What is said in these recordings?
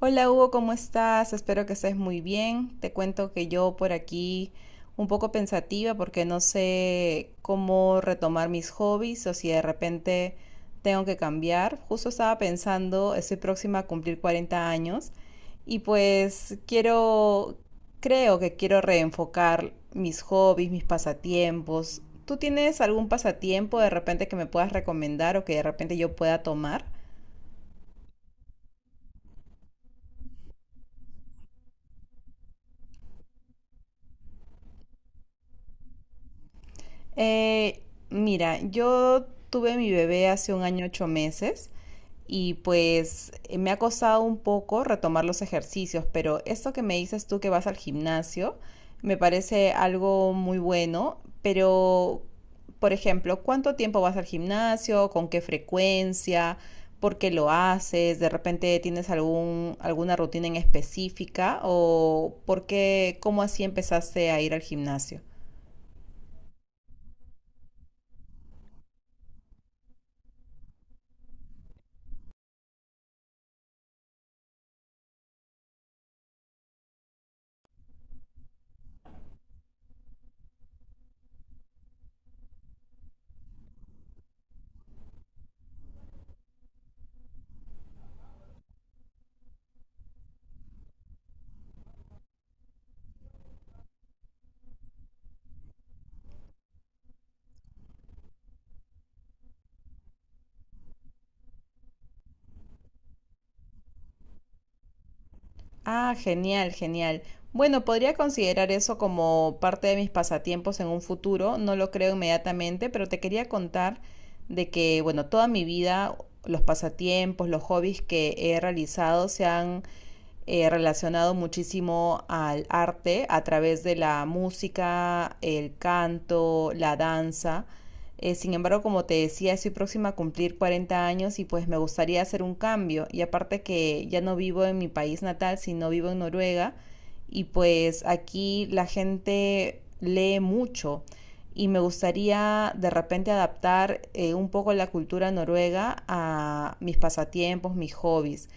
Hola Hugo, ¿cómo estás? Espero que estés muy bien. Te cuento que yo por aquí un poco pensativa porque no sé cómo retomar mis hobbies o si de repente tengo que cambiar. Justo estaba pensando, estoy próxima a cumplir 40 años y pues quiero, creo que quiero reenfocar mis hobbies, mis pasatiempos. ¿Tú tienes algún pasatiempo de repente que me puedas recomendar o que de repente yo pueda tomar? Eh, mira, yo tuve mi bebé hace 1 año 8 meses y pues me ha costado un poco retomar los ejercicios, pero esto que me dices tú que vas al gimnasio me parece algo muy bueno, pero por ejemplo, ¿cuánto tiempo vas al gimnasio? ¿Con qué frecuencia? ¿Por qué lo haces? ¿De repente tienes algún, alguna rutina en específica? ¿O por qué, cómo así empezaste a ir al gimnasio? Ah, genial, genial. Bueno, podría considerar eso como parte de mis pasatiempos en un futuro, no lo creo inmediatamente, pero te quería contar de que, bueno, toda mi vida los pasatiempos, los hobbies que he realizado se han relacionado muchísimo al arte a través de la música, el canto, la danza. Sin embargo, como te decía, estoy próxima a cumplir 40 años y pues me gustaría hacer un cambio. Y aparte que ya no vivo en mi país natal, sino vivo en Noruega. Y pues aquí la gente lee mucho y me gustaría de repente adaptar un poco la cultura noruega a mis pasatiempos, mis hobbies.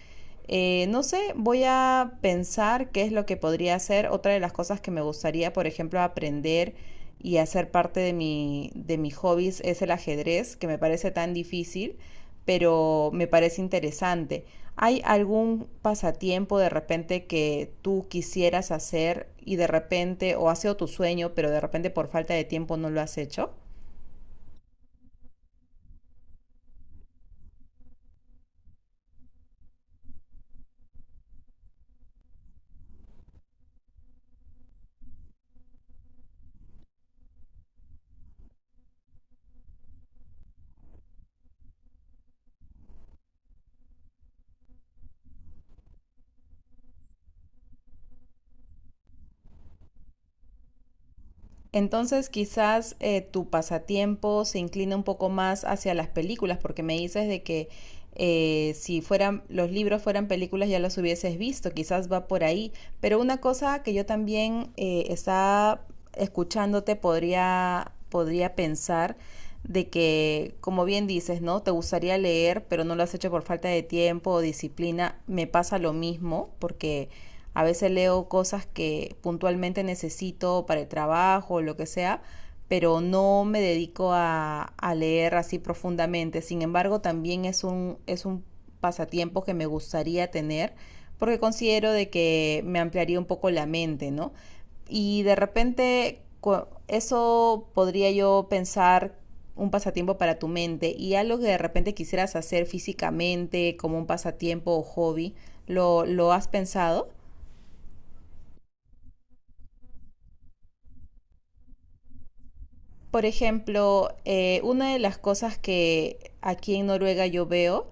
No sé, voy a pensar qué es lo que podría hacer. Otra de las cosas que me gustaría, por ejemplo, aprender y hacer parte de mi, de mis hobbies es el ajedrez, que me parece tan difícil, pero me parece interesante. ¿Hay algún pasatiempo de repente que tú quisieras hacer y de repente, o ha sido tu sueño, pero de repente por falta de tiempo no lo has hecho? Entonces, quizás tu pasatiempo se inclina un poco más hacia las películas, porque me dices de que si fueran los libros fueran películas ya los hubieses visto, quizás va por ahí. Pero una cosa que yo también estaba escuchándote podría pensar de que, como bien dices, ¿no? Te gustaría leer, pero no lo has hecho por falta de tiempo o disciplina. Me pasa lo mismo, porque a veces leo cosas que puntualmente necesito para el trabajo o lo que sea, pero no me dedico a leer así profundamente. Sin embargo, también es un pasatiempo que me gustaría tener porque considero de que me ampliaría un poco la mente, ¿no? Y de repente eso podría yo pensar un pasatiempo para tu mente y algo que de repente quisieras hacer físicamente como un pasatiempo o hobby, ¿lo has pensado? Por ejemplo, una de las cosas que aquí en Noruega yo veo,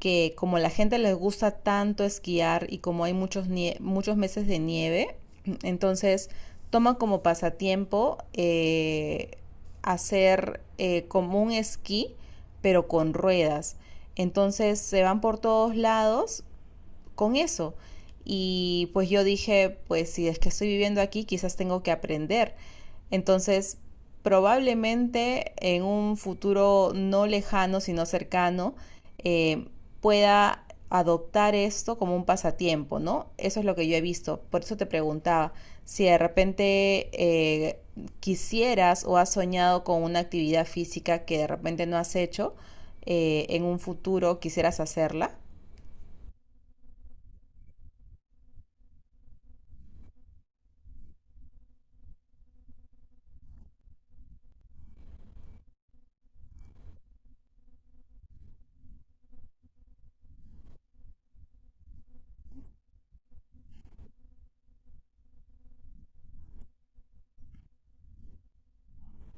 que como la gente les gusta tanto esquiar y como hay muchos, muchos meses de nieve, entonces toman como pasatiempo hacer como un esquí, pero con ruedas. Entonces se van por todos lados con eso. Y pues yo dije, pues si es que estoy viviendo aquí, quizás tengo que aprender. Entonces, probablemente en un futuro no lejano, sino cercano, eh, pueda adoptar esto como un pasatiempo, ¿no? Eso es lo que yo he visto. Por eso te preguntaba si de repente quisieras o has soñado con una actividad física que de repente no has hecho, en un futuro quisieras hacerla.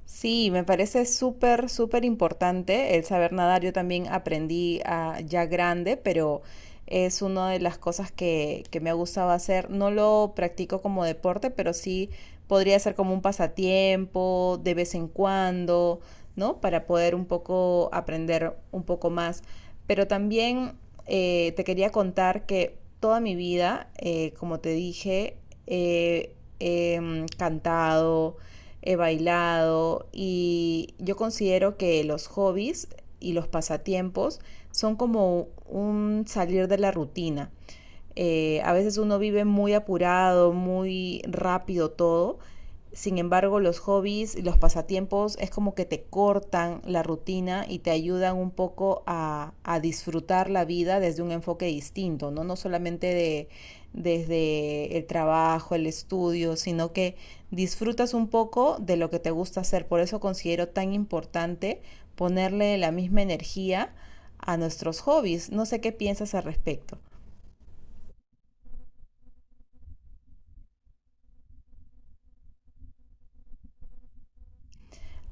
Sí, me parece súper, súper importante el saber nadar. Yo también aprendí ah, ya grande, pero es una de las cosas que me ha gustado hacer. No lo practico como deporte, pero sí podría ser como un pasatiempo de vez en cuando, ¿no? Para poder un poco aprender un poco más. Pero también te quería contar que toda mi vida, como te dije, he cantado, he bailado y yo considero que los hobbies y los pasatiempos son como un salir de la rutina. A veces uno vive muy apurado, muy rápido todo. Sin embargo, los hobbies y los pasatiempos es como que te cortan la rutina y te ayudan un poco a disfrutar la vida desde un enfoque distinto, ¿no? No solamente desde el trabajo, el estudio, sino que disfrutas un poco de lo que te gusta hacer. Por eso considero tan importante ponerle la misma energía a nuestros hobbies. No sé qué piensas al respecto.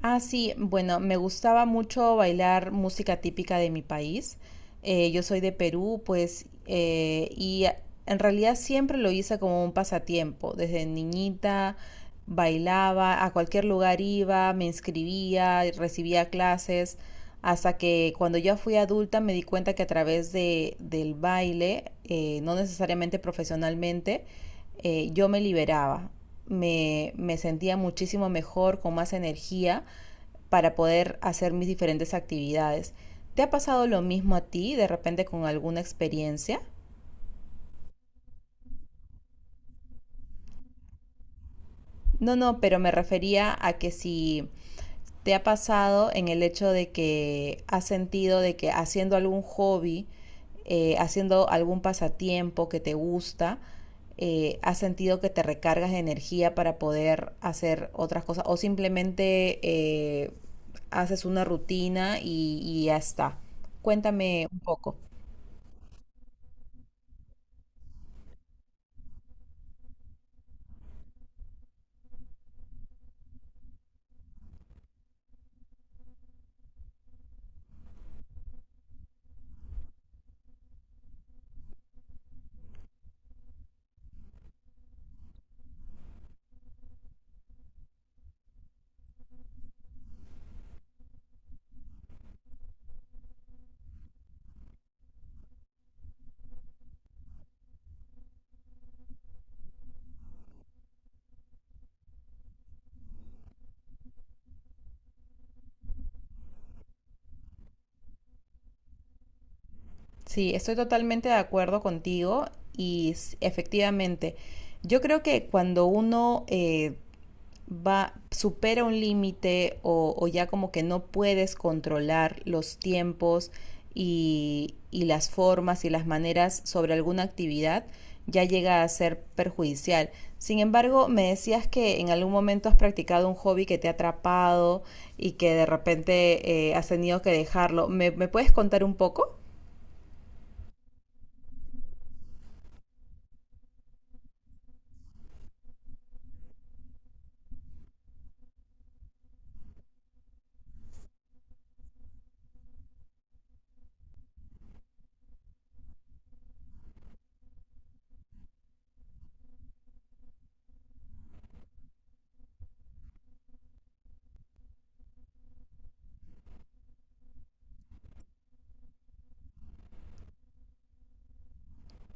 Ah, sí, bueno, me gustaba mucho bailar música típica de mi país. Yo soy de Perú, pues, en realidad siempre lo hice como un pasatiempo. Desde niñita bailaba, a cualquier lugar iba, me inscribía, recibía clases, hasta que cuando ya fui adulta me di cuenta que a través de, del baile, no necesariamente profesionalmente, yo me liberaba. Me sentía muchísimo mejor, con más energía para poder hacer mis diferentes actividades. ¿Te ha pasado lo mismo a ti de repente con alguna experiencia? No, no, pero me refería a que si te ha pasado en el hecho de que has sentido de que haciendo algún hobby, haciendo algún pasatiempo que te gusta, has sentido que te recargas de energía para poder hacer otras cosas o simplemente haces una rutina y ya está. Cuéntame un poco. Sí, estoy totalmente de acuerdo contigo y efectivamente, yo creo que cuando uno va, supera un límite o ya como que no puedes controlar los tiempos y las formas y las maneras sobre alguna actividad, ya llega a ser perjudicial. Sin embargo, me decías que en algún momento has practicado un hobby que te ha atrapado y que de repente has tenido que dejarlo. ¿Me puedes contar un poco?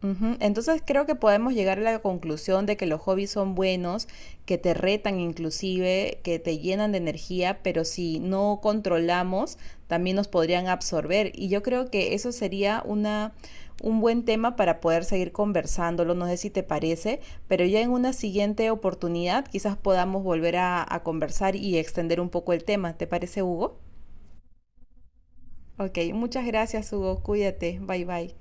Ujú. Entonces creo que podemos llegar a la conclusión de que los hobbies son buenos, que te retan inclusive, que te llenan de energía, pero si no controlamos, también nos podrían absorber. Y yo creo que eso sería un buen tema para poder seguir conversándolo, no sé si te parece, pero ya en una siguiente oportunidad quizás podamos volver a conversar y extender un poco el tema. ¿Te parece, Hugo? Ok, muchas gracias, Hugo. Cuídate. Bye bye.